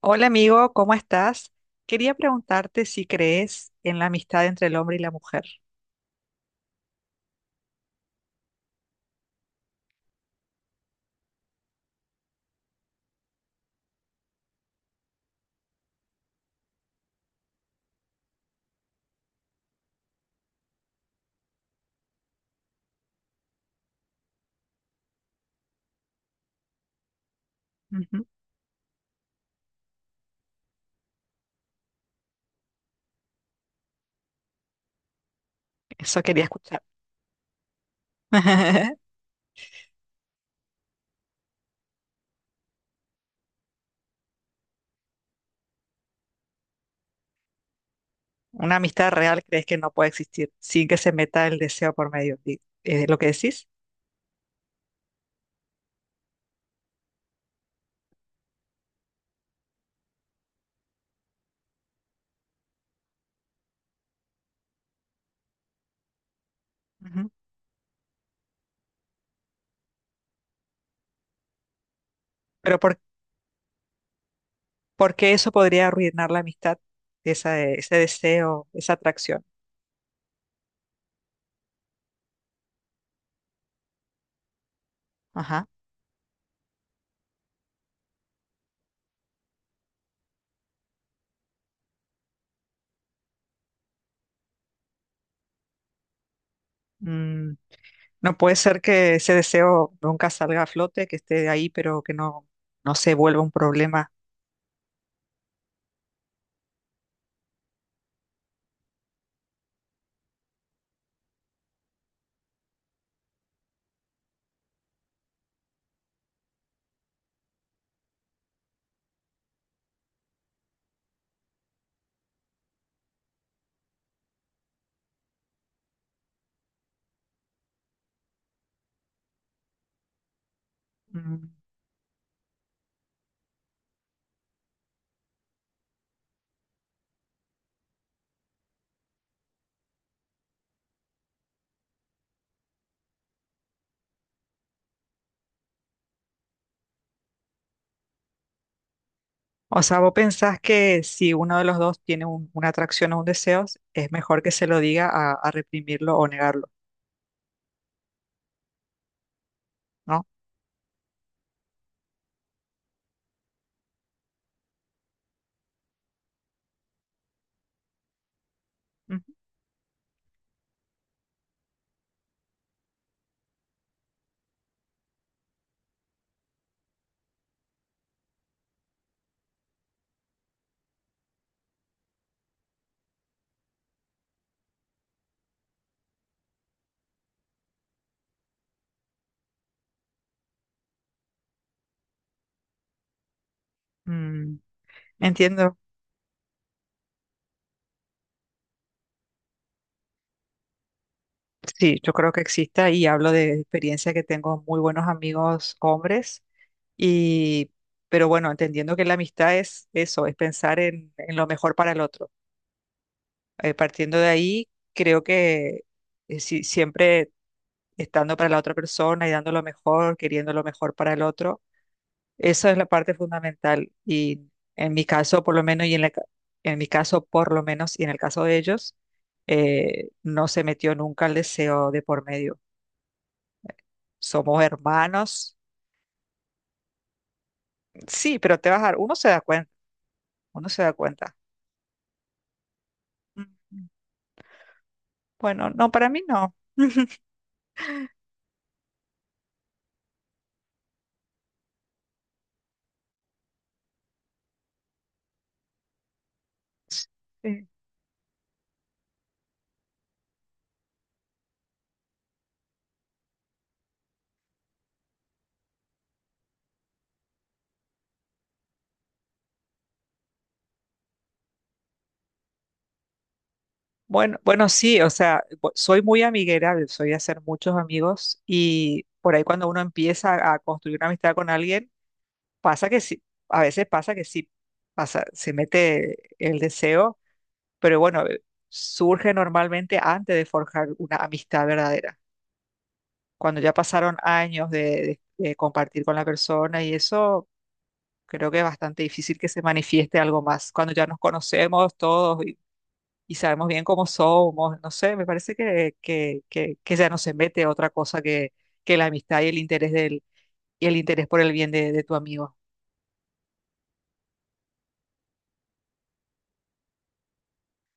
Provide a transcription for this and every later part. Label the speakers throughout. Speaker 1: Hola amigo, ¿cómo estás? Quería preguntarte si crees en la amistad entre el hombre y la mujer. Ujú. Eso quería escuchar. Una amistad real crees que no puede existir sin que se meta el deseo por medio. ¿Es lo que decís? Ujú. Pero ¿por qué eso podría arruinar la amistad? Esa, ese deseo, esa atracción. Ajá. Mm, no puede ser que ese deseo nunca salga a flote, que esté ahí, pero que no, no se vuelva un problema. Mm. O sea, vos pensás que si uno de los dos tiene una atracción o un deseo, es mejor que se lo diga a reprimirlo o negarlo, ¿no? Ujú. Mm, entiendo. Sí, yo creo que exista y hablo de experiencia que tengo muy buenos amigos hombres y, pero bueno, entendiendo que la amistad es eso, es pensar en lo mejor para el otro. Partiendo de ahí, creo que siempre estando para la otra persona y dando lo mejor, queriendo lo mejor para el otro. Esa es la parte fundamental y en mi caso por lo menos en mi caso por lo menos y en el caso de ellos no se metió nunca el deseo de por medio. Somos hermanos, sí, pero te vas a dar, uno se da cuenta, uno se da cuenta. Mm. Bueno, no, para mí no. Sí. Bueno, bueno, sí, o sea, soy muy amiguera, soy de hacer muchos amigos y por ahí cuando uno empieza a construir una amistad con alguien. Pasa que sí, a veces pasa que sí, pasa, se mete el deseo, pero bueno, surge normalmente antes de forjar una amistad verdadera. Cuando ya pasaron años de compartir con la persona y eso, creo que es bastante difícil que se manifieste algo más. Cuando ya nos conocemos todos y sabemos bien cómo somos, no sé, me parece que ya no se mete otra cosa que la amistad y el interés y el interés por el bien de tu amigo.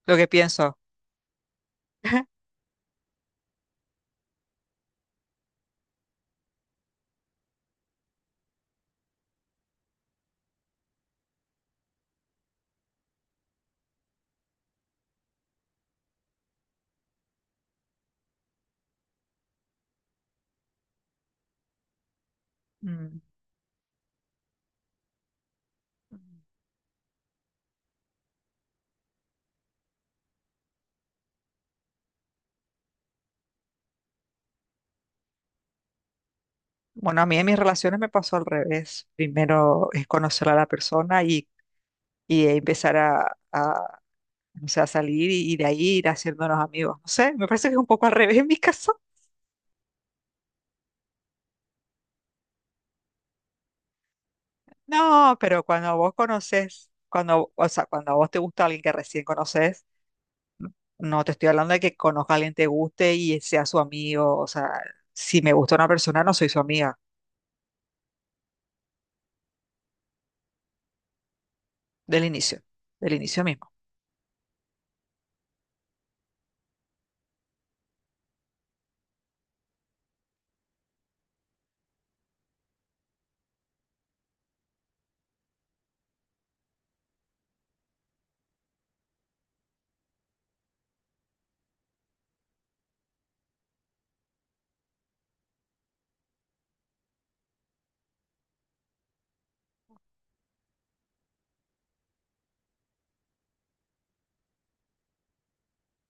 Speaker 1: Lo que pienso. Mm. Bueno, a mí en mis relaciones me pasó al revés. Primero es conocer a la persona y empezar no sé, a salir y de ahí ir haciéndonos amigos. No sé, me parece que es un poco al revés en mi caso. No, pero cuando vos conoces, cuando, o sea, cuando a vos te gusta alguien que recién conoces, n- no te estoy hablando de que conozca a alguien que te guste y sea su amigo. O sea, si me gusta una persona, no soy su amiga del inicio, del inicio mismo.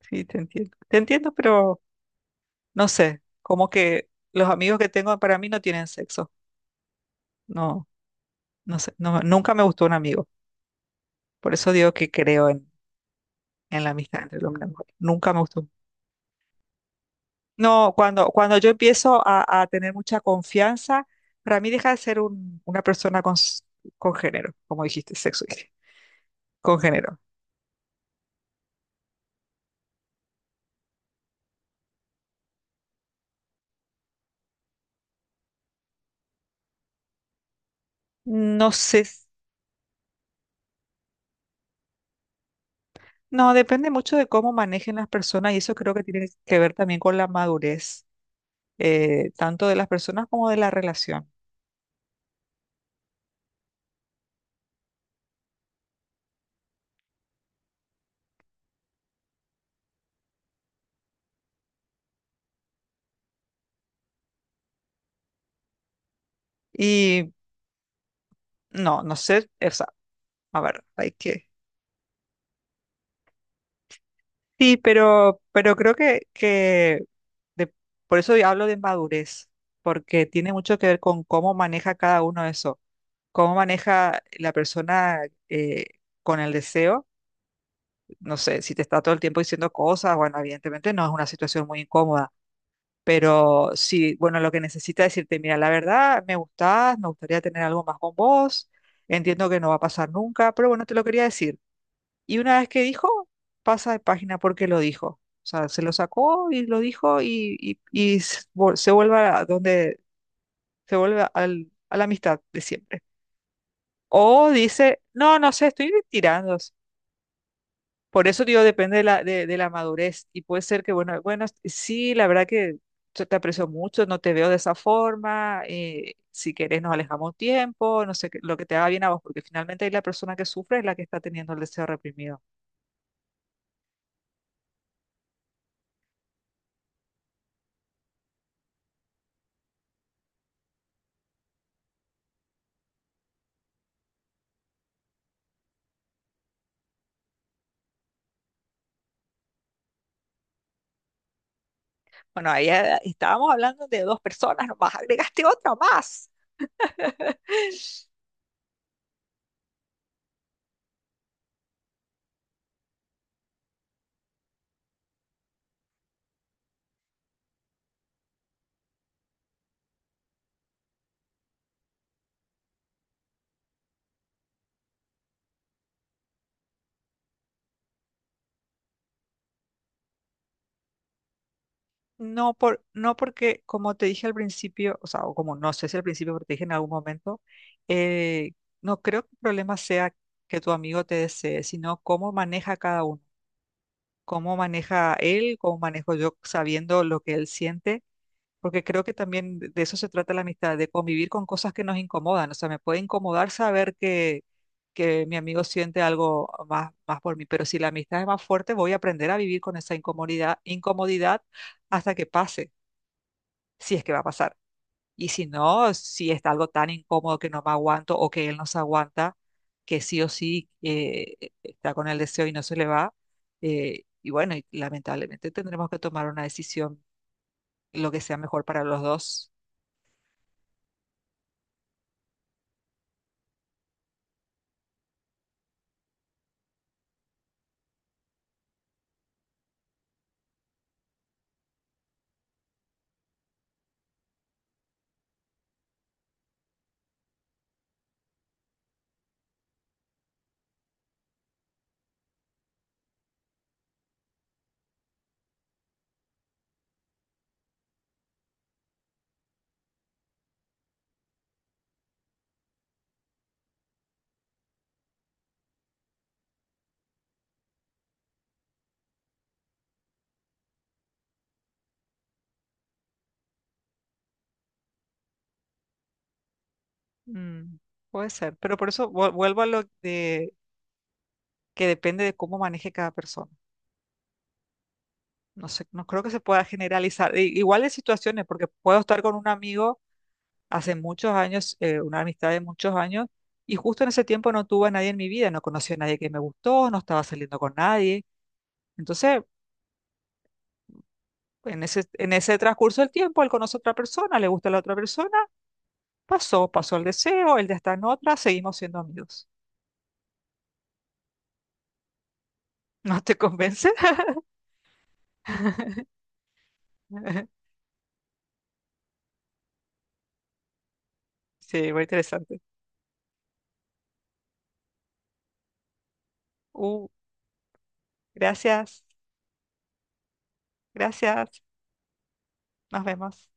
Speaker 1: Sí, te entiendo. Te entiendo, pero no sé, como que los amigos que tengo para mí no tienen sexo. No, no sé, no, nunca me gustó un amigo. Por eso digo que creo en la amistad entre el hombre y la mujer. Nunca me gustó. No, cuando yo empiezo a tener mucha confianza, para mí deja de ser una persona con, con género, como dijiste, sexo, dije, con género. No sé, no, depende mucho de cómo manejen las personas y eso creo que tiene que ver también con la madurez, tanto de las personas como de la relación. Y no, no sé, o sea, a ver, hay que... Sí, pero creo de- por eso hablo de madurez, porque tiene mucho que ver con cómo maneja cada uno eso, cómo maneja la persona eh, con el deseo, no sé, si te está todo el tiempo diciendo cosas, bueno, evidentemente no es una situación muy incómoda, pero sí, bueno, lo que necesita es decirte, mira, la verdad, me gustás, me gustaría tener algo más con vos, entiendo que no va a pasar nunca, pero bueno, te lo quería decir. Y una vez que dijo, pasa de página porque lo dijo. O sea, se lo sacó y lo dijo se vuelve a donde se vuelve a la amistad de siempre. O dice, no, no sé, estoy tirando. Por eso digo, depende de la madurez. Y puede ser que, bueno, bueno, sí, la verdad que yo te aprecio mucho, no te veo de esa forma. Si querés, nos alejamos un tiempo, no sé, lo que te haga bien a vos, porque finalmente ahí la persona que sufre es la que está teniendo el deseo reprimido. Bueno, ahí estábamos hablando de dos personas, nomás agregaste otra más. No, por, no porque, como te dije al principio, o sea, o como no sé si al principio, porque te dije en algún momento, eh, no creo que el problema sea que tu amigo te desee, sino cómo maneja cada uno, cómo maneja él, cómo manejo yo sabiendo lo que él siente. Porque creo que también de eso se trata la amistad, de convivir con cosas que nos incomodan. O sea, me puede incomodar saber que mi amigo siente algo más, más por mí, pero si la amistad es más fuerte, voy a aprender a vivir con esa incomodidad, incomodidad hasta que pase, si es que va a pasar. Y si no, si está algo tan incómodo que no me aguanto o que él no se aguanta, que sí o sí está con el deseo y no se le va, y bueno, y lamentablemente tendremos que tomar una decisión, lo que sea mejor para los dos. Mm, puede ser, pero por eso vuelvo a lo de que depende de cómo maneje cada persona. No sé, no creo que se pueda generalizar. Igual de situaciones, porque puedo estar con un amigo hace muchos años, una amistad de muchos años, y justo en ese tiempo no tuve a nadie en mi vida, no conocí a nadie que me gustó, no estaba saliendo con nadie. Entonces, en ese transcurso del tiempo, él conoce a otra persona, le gusta a la otra persona, pasó, pasó el deseo, él ya está en otra, seguimos siendo amigos. ¿No te convence? Sí, muy interesante. Uh, gracias, gracias. Nos vemos.